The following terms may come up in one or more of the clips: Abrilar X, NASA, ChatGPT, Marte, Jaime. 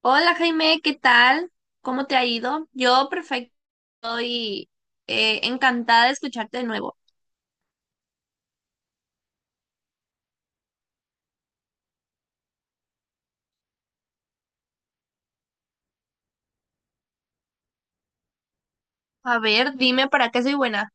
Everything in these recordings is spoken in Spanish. Hola Jaime, ¿qué tal? ¿Cómo te ha ido? Yo perfecto y encantada de escucharte de nuevo. A ver, dime para qué soy buena.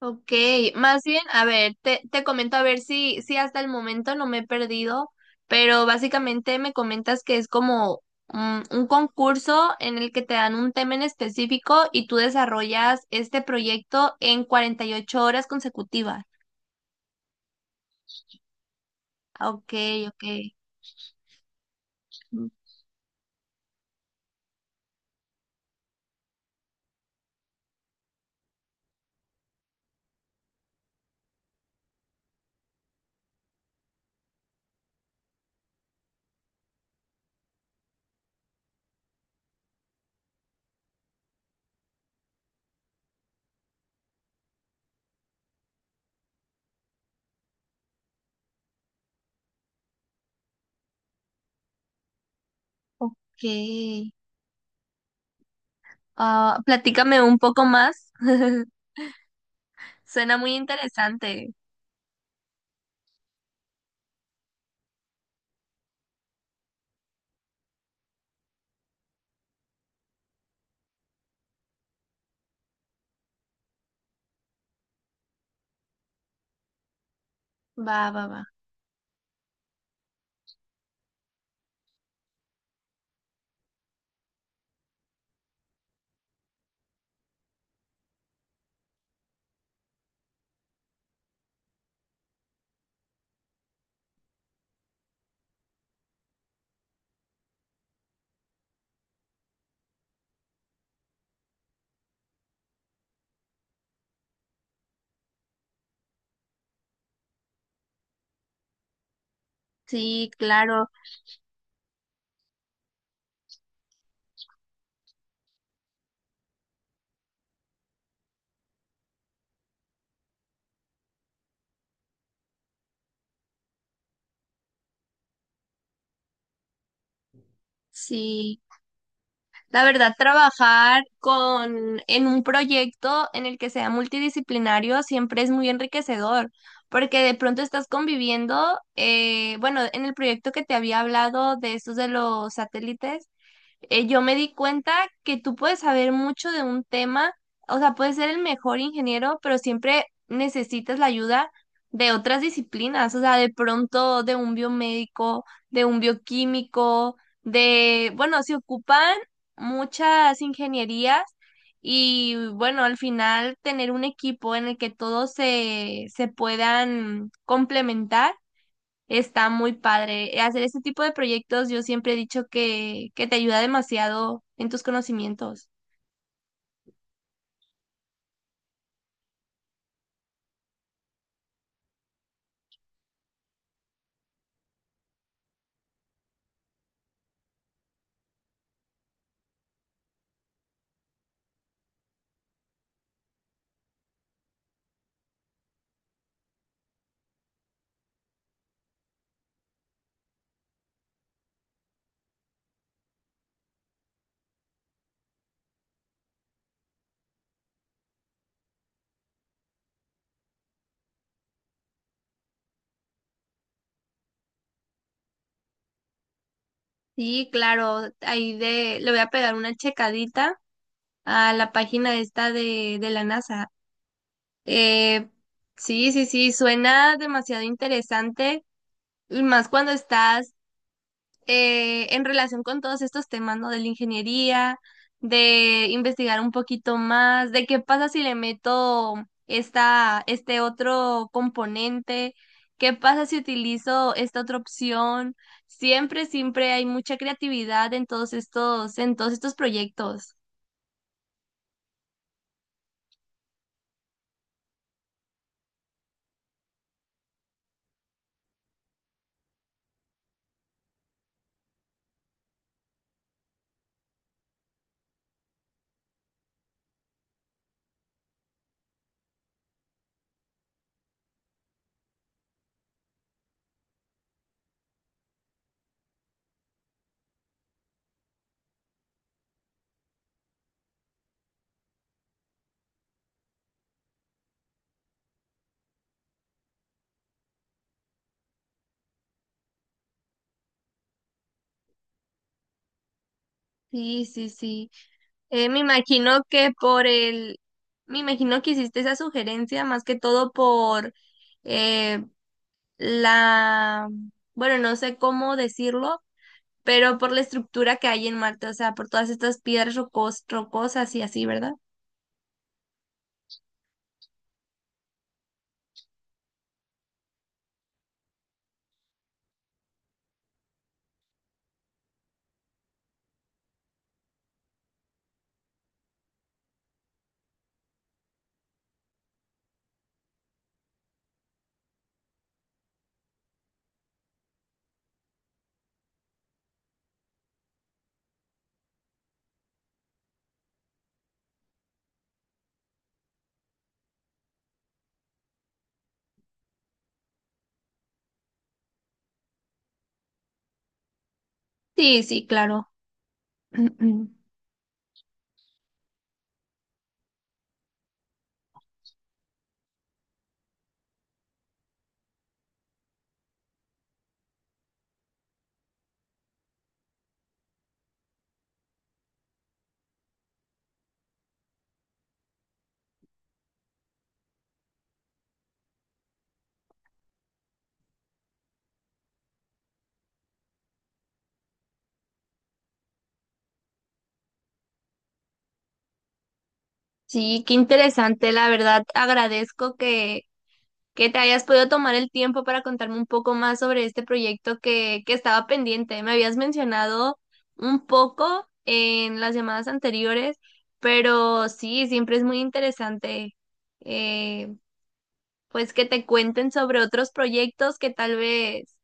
Ok, más bien, a ver, te comento a ver si hasta el momento no me he perdido, pero básicamente me comentas que es como un concurso en el que te dan un tema en específico y tú desarrollas este proyecto en 48 horas consecutivas. Ok, ok. Ok. Ah, platícame un poco más. Suena muy interesante. Va, va, va. Sí, claro, sí. La verdad, trabajar con en un proyecto en el que sea multidisciplinario siempre es muy enriquecedor, porque de pronto estás conviviendo, bueno, en el proyecto que te había hablado de estos de los satélites. Yo me di cuenta que tú puedes saber mucho de un tema, o sea, puedes ser el mejor ingeniero, pero siempre necesitas la ayuda de otras disciplinas, o sea, de pronto de un biomédico, de un bioquímico, de, bueno, se ocupan muchas ingenierías y bueno, al final tener un equipo en el que todos se puedan complementar. Está muy padre. Hacer este tipo de proyectos yo siempre he dicho que te ayuda demasiado en tus conocimientos. Sí, claro, ahí de, le voy a pegar una checadita a la página esta de la NASA. Eh, sí, sí, sí, suena demasiado interesante, y más cuando estás en relación con todos estos temas, ¿no? De la ingeniería, de investigar un poquito más, de qué pasa si le meto este otro componente, qué pasa si utilizo esta otra opción. Siempre, siempre hay mucha creatividad en todos estos proyectos. Sí, sí, sí. Me imagino que por me imagino que hiciste esa sugerencia más que todo por eh, la, bueno, no sé cómo decirlo, pero por la estructura que hay en Marte, o sea, por todas estas piedras rocosas y así, ¿verdad? Sí, sí, claro. Sí, qué interesante, la verdad. Agradezco que te hayas podido tomar el tiempo para contarme un poco más sobre este proyecto que estaba pendiente. Me habías mencionado un poco en las llamadas anteriores, pero sí, siempre es muy interesante. Eh, pues que te cuenten sobre otros proyectos que tal vez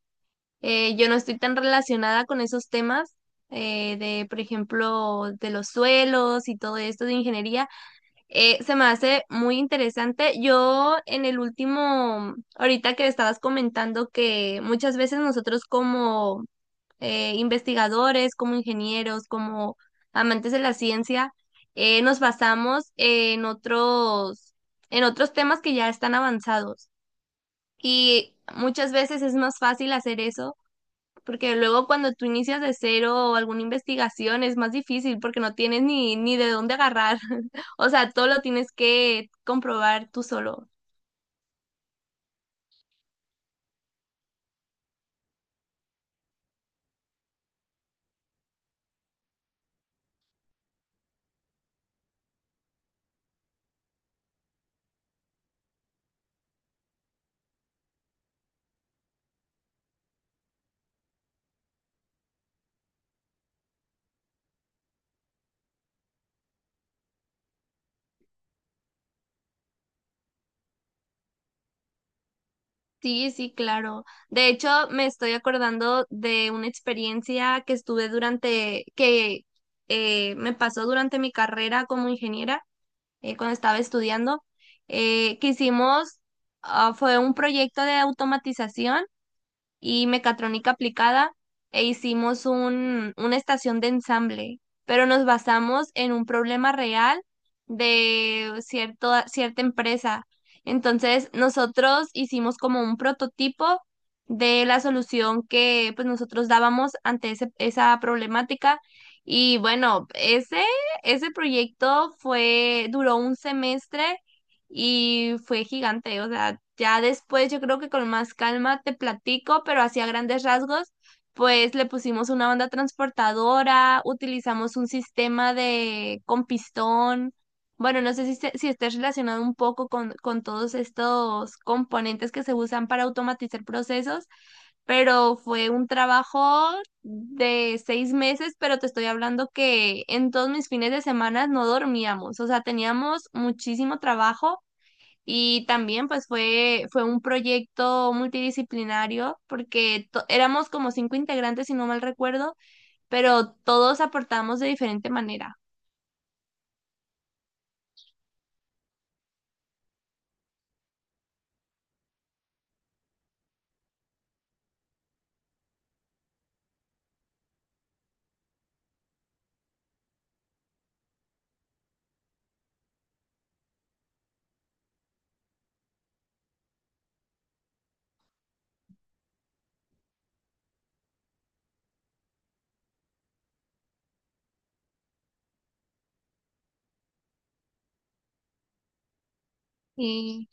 yo no estoy tan relacionada con esos temas. Por ejemplo, de los suelos y todo esto de ingeniería, se me hace muy interesante. Yo en el último, ahorita que estabas comentando que muchas veces nosotros como investigadores, como ingenieros, como amantes de la ciencia, nos basamos en otros temas que ya están avanzados. Y muchas veces es más fácil hacer eso, porque luego cuando tú inicias de cero o alguna investigación es más difícil porque no tienes ni de dónde agarrar. O sea, todo lo tienes que comprobar tú solo. Sí, sí, claro. De hecho, me estoy acordando de una experiencia que estuve durante, que me pasó durante mi carrera como ingeniera, cuando estaba estudiando, eh, que hicimos, fue un proyecto de automatización y mecatrónica aplicada e hicimos una estación de ensamble, pero nos basamos en un problema real de cierto, cierta empresa. Entonces, nosotros hicimos como un prototipo de la solución que pues nosotros dábamos ante esa problemática. Y bueno, ese proyecto fue, duró un semestre y fue gigante. O sea, ya después yo creo que con más calma te platico, pero así a grandes rasgos, pues le pusimos una banda transportadora, utilizamos un sistema de con pistón. Bueno, no sé si esté relacionado un poco con todos estos componentes que se usan para automatizar procesos, pero fue un trabajo de 6 meses, pero te estoy hablando que en todos mis fines de semana no dormíamos, o sea, teníamos muchísimo trabajo y también pues fue, fue un proyecto multidisciplinario porque éramos como 5 integrantes, si no mal recuerdo, pero todos aportamos de diferente manera. Sí,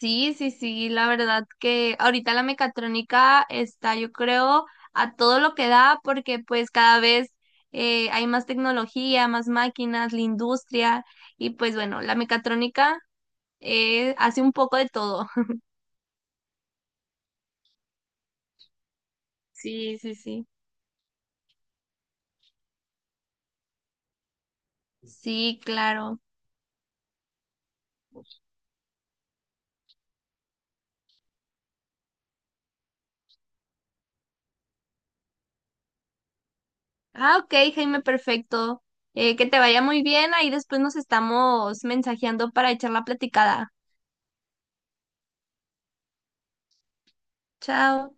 sí, sí, sí, la verdad que ahorita la mecatrónica está, yo creo, a todo lo que da porque pues cada vez hay más tecnología, más máquinas, la industria y pues bueno, la mecatrónica. Hace un poco de todo. Sí, sí, sí. Sí, claro. Ah, ok, Jaime, perfecto. Que te vaya muy bien. Ahí después nos estamos mensajeando para echar la platicada. Chao.